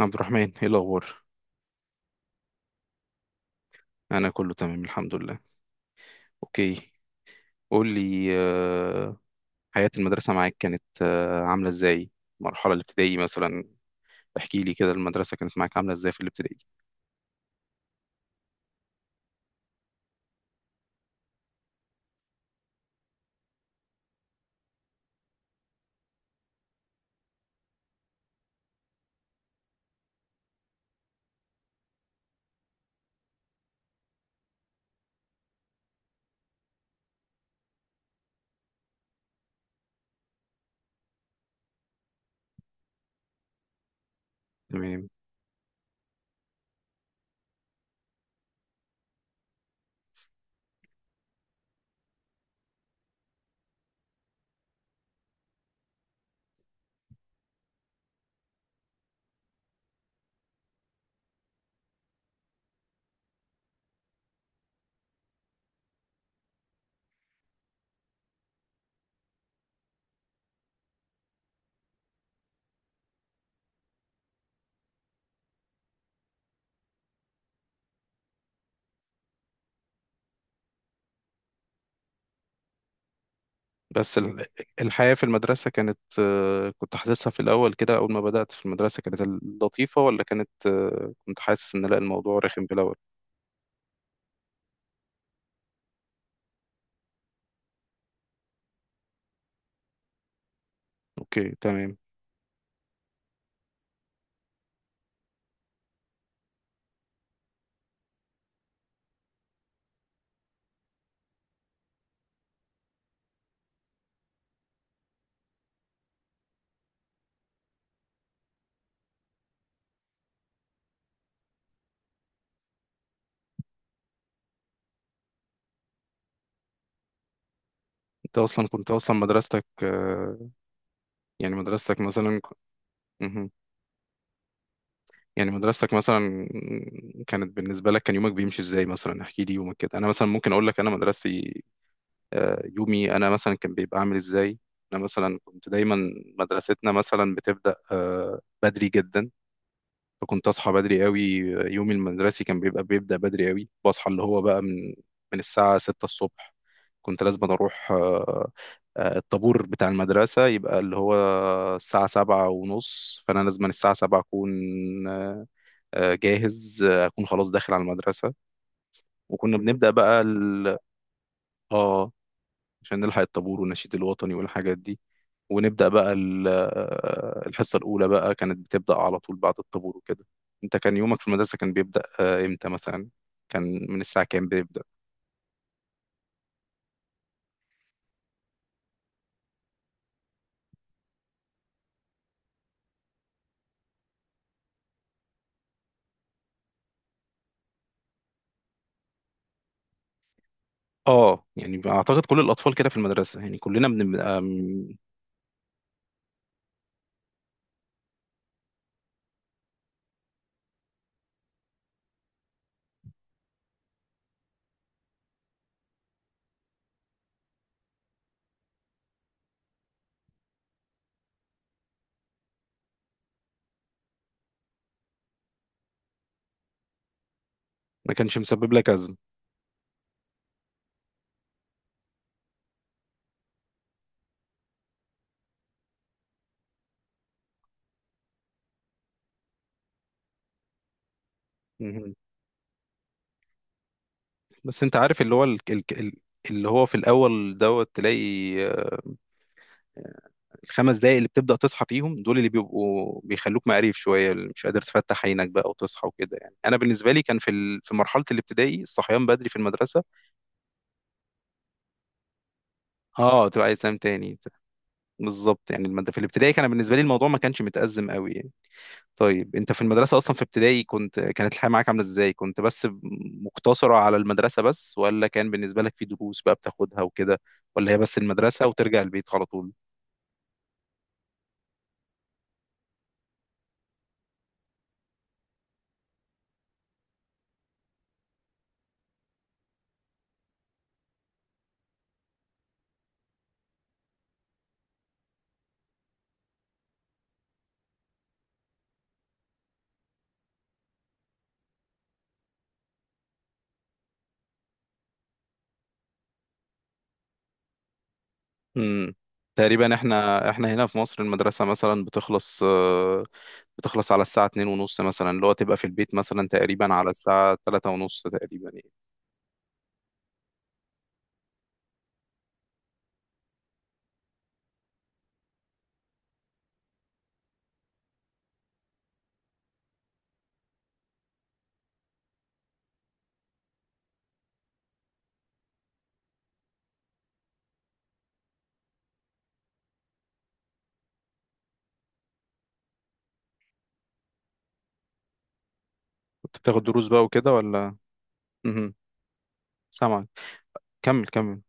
عبد الرحمن، ايه الاخبار؟ انا كله تمام الحمد لله. اوكي. قول لي، حياة المدرسة معاك كانت عاملة ازاي؟ المرحلة الابتدائية مثلا. احكي لي كده، المدرسة كانت معاك عاملة ازاي في الابتدائي؟ تمام. بس الحياة في المدرسة كانت، كنت حاسسها في الاول كده، اول ما بدأت في المدرسة كانت لطيفة ولا كانت كنت حاسس ان لا الموضوع رخم في الاول؟ اوكي تمام. انت اصلا كنت اصلا مدرستك، يعني مدرستك مثلا، يعني مدرستك مثلا كانت بالنسبة لك، كان يومك بيمشي ازاي؟ مثلا احكي لي يومك كده. انا مثلا ممكن اقول لك انا مدرستي، يومي انا مثلا كان بيبقى عامل ازاي. انا مثلا كنت دايما، مدرستنا مثلا بتبدأ بدري جدا، فكنت اصحى بدري قوي. يومي المدرسي كان بيبقى بيبدأ بدري قوي، بصحى اللي هو بقى من الساعة 6 الصبح. كنت لازم اروح، الطابور بتاع المدرسة يبقى اللي هو الساعة سبعة ونص، فأنا لازم الساعة سبعة أكون آه، جاهز، اكون خلاص داخل على المدرسه. وكنا بنبدا بقى ال... اه، عشان نلحق الطابور والنشيد الوطني والحاجات دي، ونبدا بقى ال... الحصه الاولى بقى كانت بتبدا على طول بعد الطابور وكده. انت كان يومك في المدرسه كان بيبدا امتى مثلا؟ كان من الساعه كام بيبدا؟ اه، يعني اعتقد كل الاطفال كده في المدرسه، يعني كلنا بنبقى ما كانش مسبب لك ازمه. مهم. بس انت عارف اللي هو اللي هو في الاول دوت تلاقي الخمس دقايق اللي بتبدأ تصحى فيهم دول، اللي بيبقوا بيخلوك مقريف شوية، اللي مش قادر تفتح عينك بقى وتصحى وكده، يعني أنا بالنسبة لي كان في في مرحلة الابتدائي الصحيان بدري في المدرسة. اه، تبقى عايز تنام تاني. بالظبط، يعني في الابتدائي كان بالنسبة لي الموضوع ما كانش متأزم قوي يعني. طيب، أنت في المدرسة أصلا في ابتدائي كنت، كانت الحياة معاك عاملة إزاي؟ كنت بس مقتصرة على المدرسة بس، ولا كان بالنسبة لك في دروس بقى بتاخدها وكده، ولا هي بس المدرسة وترجع البيت على طول؟ امم تقريبا، احنا هنا في مصر المدرسة مثلا بتخلص، بتخلص على الساعة اتنين ونص مثلا، اللي هو تبقى في البيت مثلا تقريبا على الساعة تلاتة ونص تقريبا يعني. كنت بتاخد دروس بقى وكده ولا؟ امم سامعك، كمل كمل.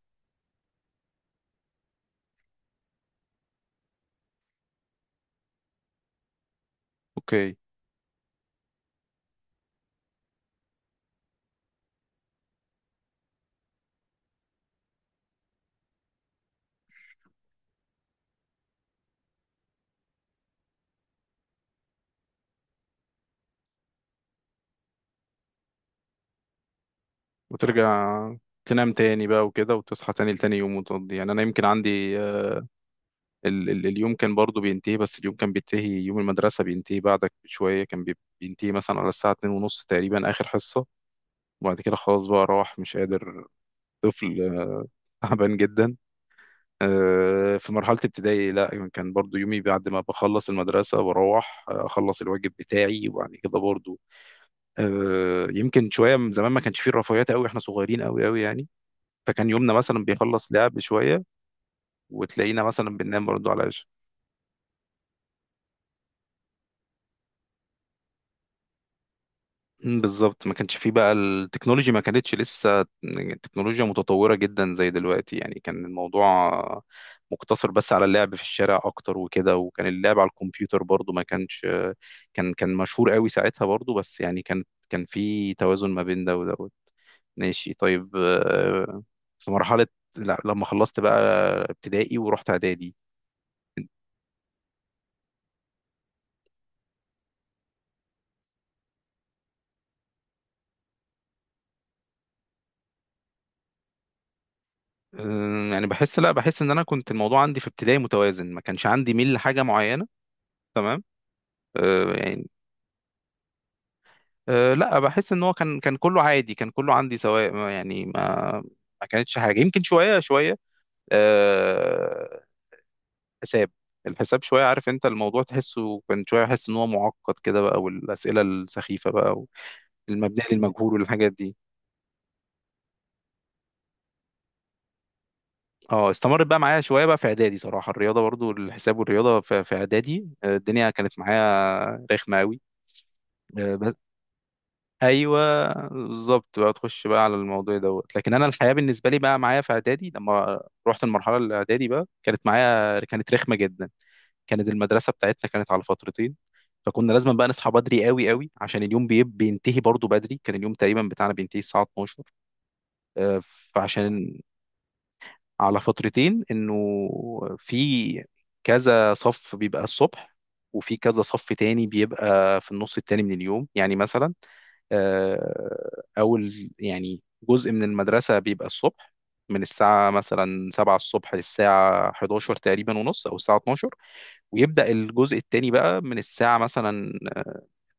اوكي. وترجع تنام تاني بقى وكده، وتصحى تاني لتاني يوم وتقضي. يعني انا يمكن عندي، ال اليوم كان برضو بينتهي، بس اليوم كان بينتهي، يوم المدرسة بينتهي بعدك بشوية، كان بينتهي مثلا على الساعة اتنين ونص تقريبا آخر حصة. وبعد كده خلاص بقى راح مش قادر، طفل تعبان جدا. في مرحلة ابتدائي، لا كان برضو يومي بعد ما بخلص المدرسة بروح، أخلص الواجب بتاعي، وبعد كده برضو، يمكن شوية من زمان ما كانش فيه الرفاهيات قوي، احنا صغيرين قوي قوي يعني. فكان يومنا مثلا بيخلص، لعب شوية وتلاقينا مثلا بننام برضو على، بالظبط ما كانش فيه بقى التكنولوجي، ما كانتش لسه تكنولوجيا متطورة جدا زي دلوقتي، يعني كان الموضوع مقتصر بس على اللعب في الشارع اكتر وكده. وكان اللعب على الكمبيوتر برضو ما كانش، كان مشهور قوي ساعتها برضو، بس يعني كان في توازن ما بين ده ودوت. ماشي طيب، في مرحلة، لا لما خلصت بقى ابتدائي ورحت اعدادي، يعني بحس لا بحس ان انا كنت الموضوع عندي في ابتدائي متوازن، ما كانش عندي ميل لحاجة معينة. تمام. يعني أه، لا بحس ان هو كان كله عادي، كان كله عندي سواء، يعني ما كانتش حاجه، يمكن شويه شويه. أه، حساب. الحساب شويه، عارف انت الموضوع تحسه كان شويه، احس ان هو معقد كده بقى، والاسئله السخيفه بقى، المبنيه للمجهول والحاجات دي. اه، استمرت بقى معايا شويه بقى في اعدادي، صراحه الرياضه برضو، الحساب والرياضه في اعدادي، الدنيا كانت معايا رخمه قوي. ايوه، بالظبط بقى تخش بقى على الموضوع دوت. لكن انا الحياه بالنسبه لي بقى معايا في اعدادي، لما رحت المرحله الاعدادي بقى كانت معايا، كانت رخمه جدا. كانت المدرسه بتاعتنا كانت على فترتين، فكنا لازم بقى نصحى بدري قوي قوي، عشان اليوم بينتهي برضو بدري. كان اليوم تقريبا بتاعنا بينتهي الساعه 12، آه، فعشان على فترتين، انه في كذا صف بيبقى الصبح، وفي كذا صف تاني بيبقى في النص التاني من اليوم. يعني مثلا، اول يعني جزء من المدرسة بيبقى الصبح، من الساعة مثلا 7 الصبح للساعة 11 تقريبا ونص أو الساعة 12، ويبدأ الجزء التاني بقى من الساعة مثلا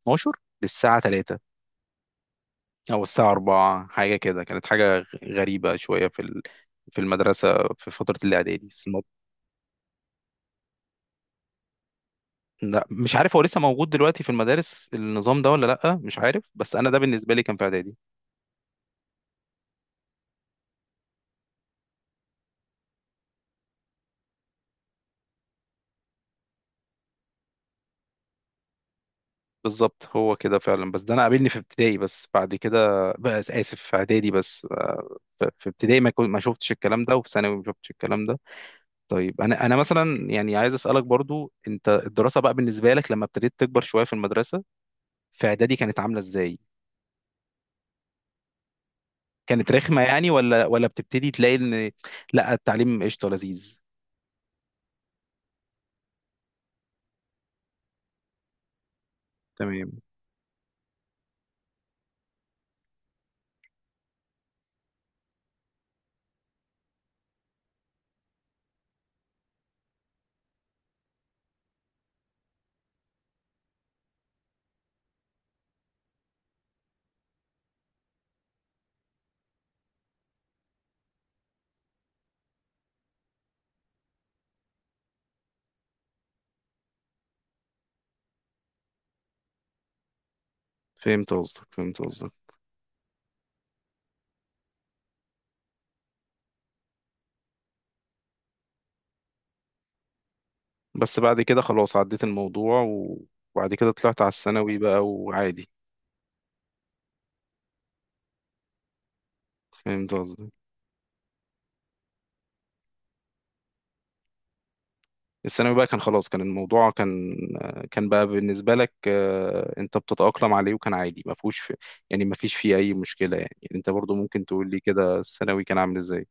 12 للساعة 3 أو الساعة 4، حاجة كده، كانت حاجة غريبة شوية في في المدرسة، في فترة الإعدادي بس. لا مش عارف، هو لسه موجود دلوقتي في المدارس النظام ده ولا لأ؟ مش عارف، بس أنا ده بالنسبة لي كان في إعدادي. بالظبط، هو كده فعلا. بس ده أنا قابلني في ابتدائي بس، بعد كده، بس آسف، في إعدادي بس، في ابتدائي ما كنت ما شفتش الكلام ده، وفي ثانوي ما شفتش الكلام ده. طيب، أنا مثلا يعني عايز أسألك برضو، أنت الدراسة بقى بالنسبة لك لما ابتديت تكبر شوية في المدرسة في إعدادي، كانت عاملة إزاي؟ كانت رخمة يعني، ولا بتبتدي تلاقي إن لأ التعليم قشطة لذيذ؟ تمام. فهمت قصدك، فهمت قصدك. بس بعد كده خلاص عديت الموضوع، وبعد كده طلعت على الثانوي بقى وعادي. فهمت قصدي. الثانوي بقى كان خلاص، كان الموضوع كان، كان بقى بالنسبة لك، انت بتتأقلم عليه وكان عادي، ما فيهوش في، يعني ما فيش فيه اي مشكلة يعني انت برضو ممكن تقول لي كده الثانوي كان عامل ازاي؟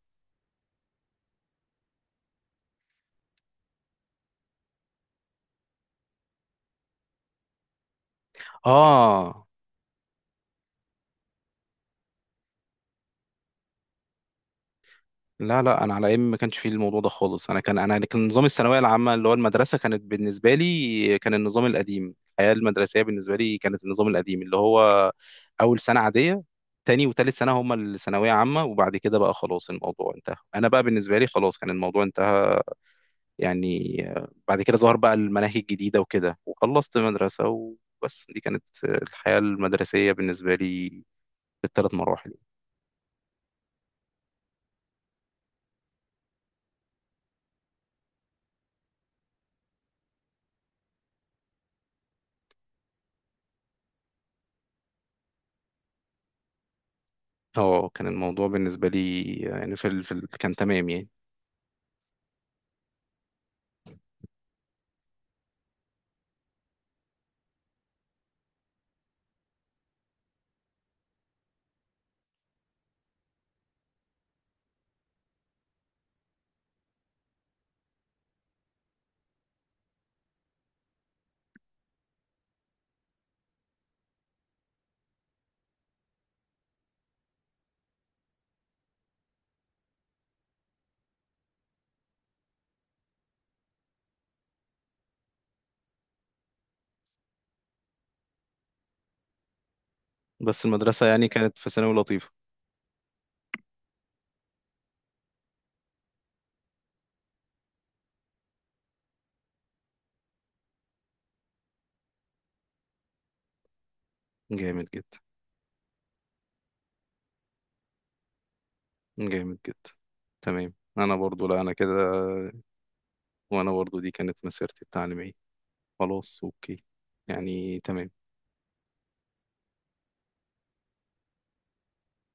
اه، لا لا، انا على ايام ما كانش فيه الموضوع ده خالص. انا كان، انا كان نظام الثانويه العامه، اللي هو المدرسه كانت بالنسبه لي كان النظام القديم. الحياه المدرسيه بالنسبه لي كانت النظام القديم، اللي هو اول سنه عاديه، تاني وتالت سنه هما الثانويه عامه، وبعد كده بقى خلاص الموضوع انتهى. انا بقى بالنسبه لي خلاص كان الموضوع انتهى. يعني، بعد كده ظهر بقى المناهج الجديده وكده، وخلصت مدرسه وبس. دي كانت الحياه المدرسيه بالنسبه لي بالثلاث مراحل. اه، كان الموضوع بالنسبه لي، يعني في كان تمام يعني. بس المدرسة يعني كانت في ثانوي لطيفة. جامد جدا. جامد جدا. تمام، انا برضو، لا انا كده. وانا برضو دي كانت مسيرتي التعليمية. خلاص اوكي، يعني تمام.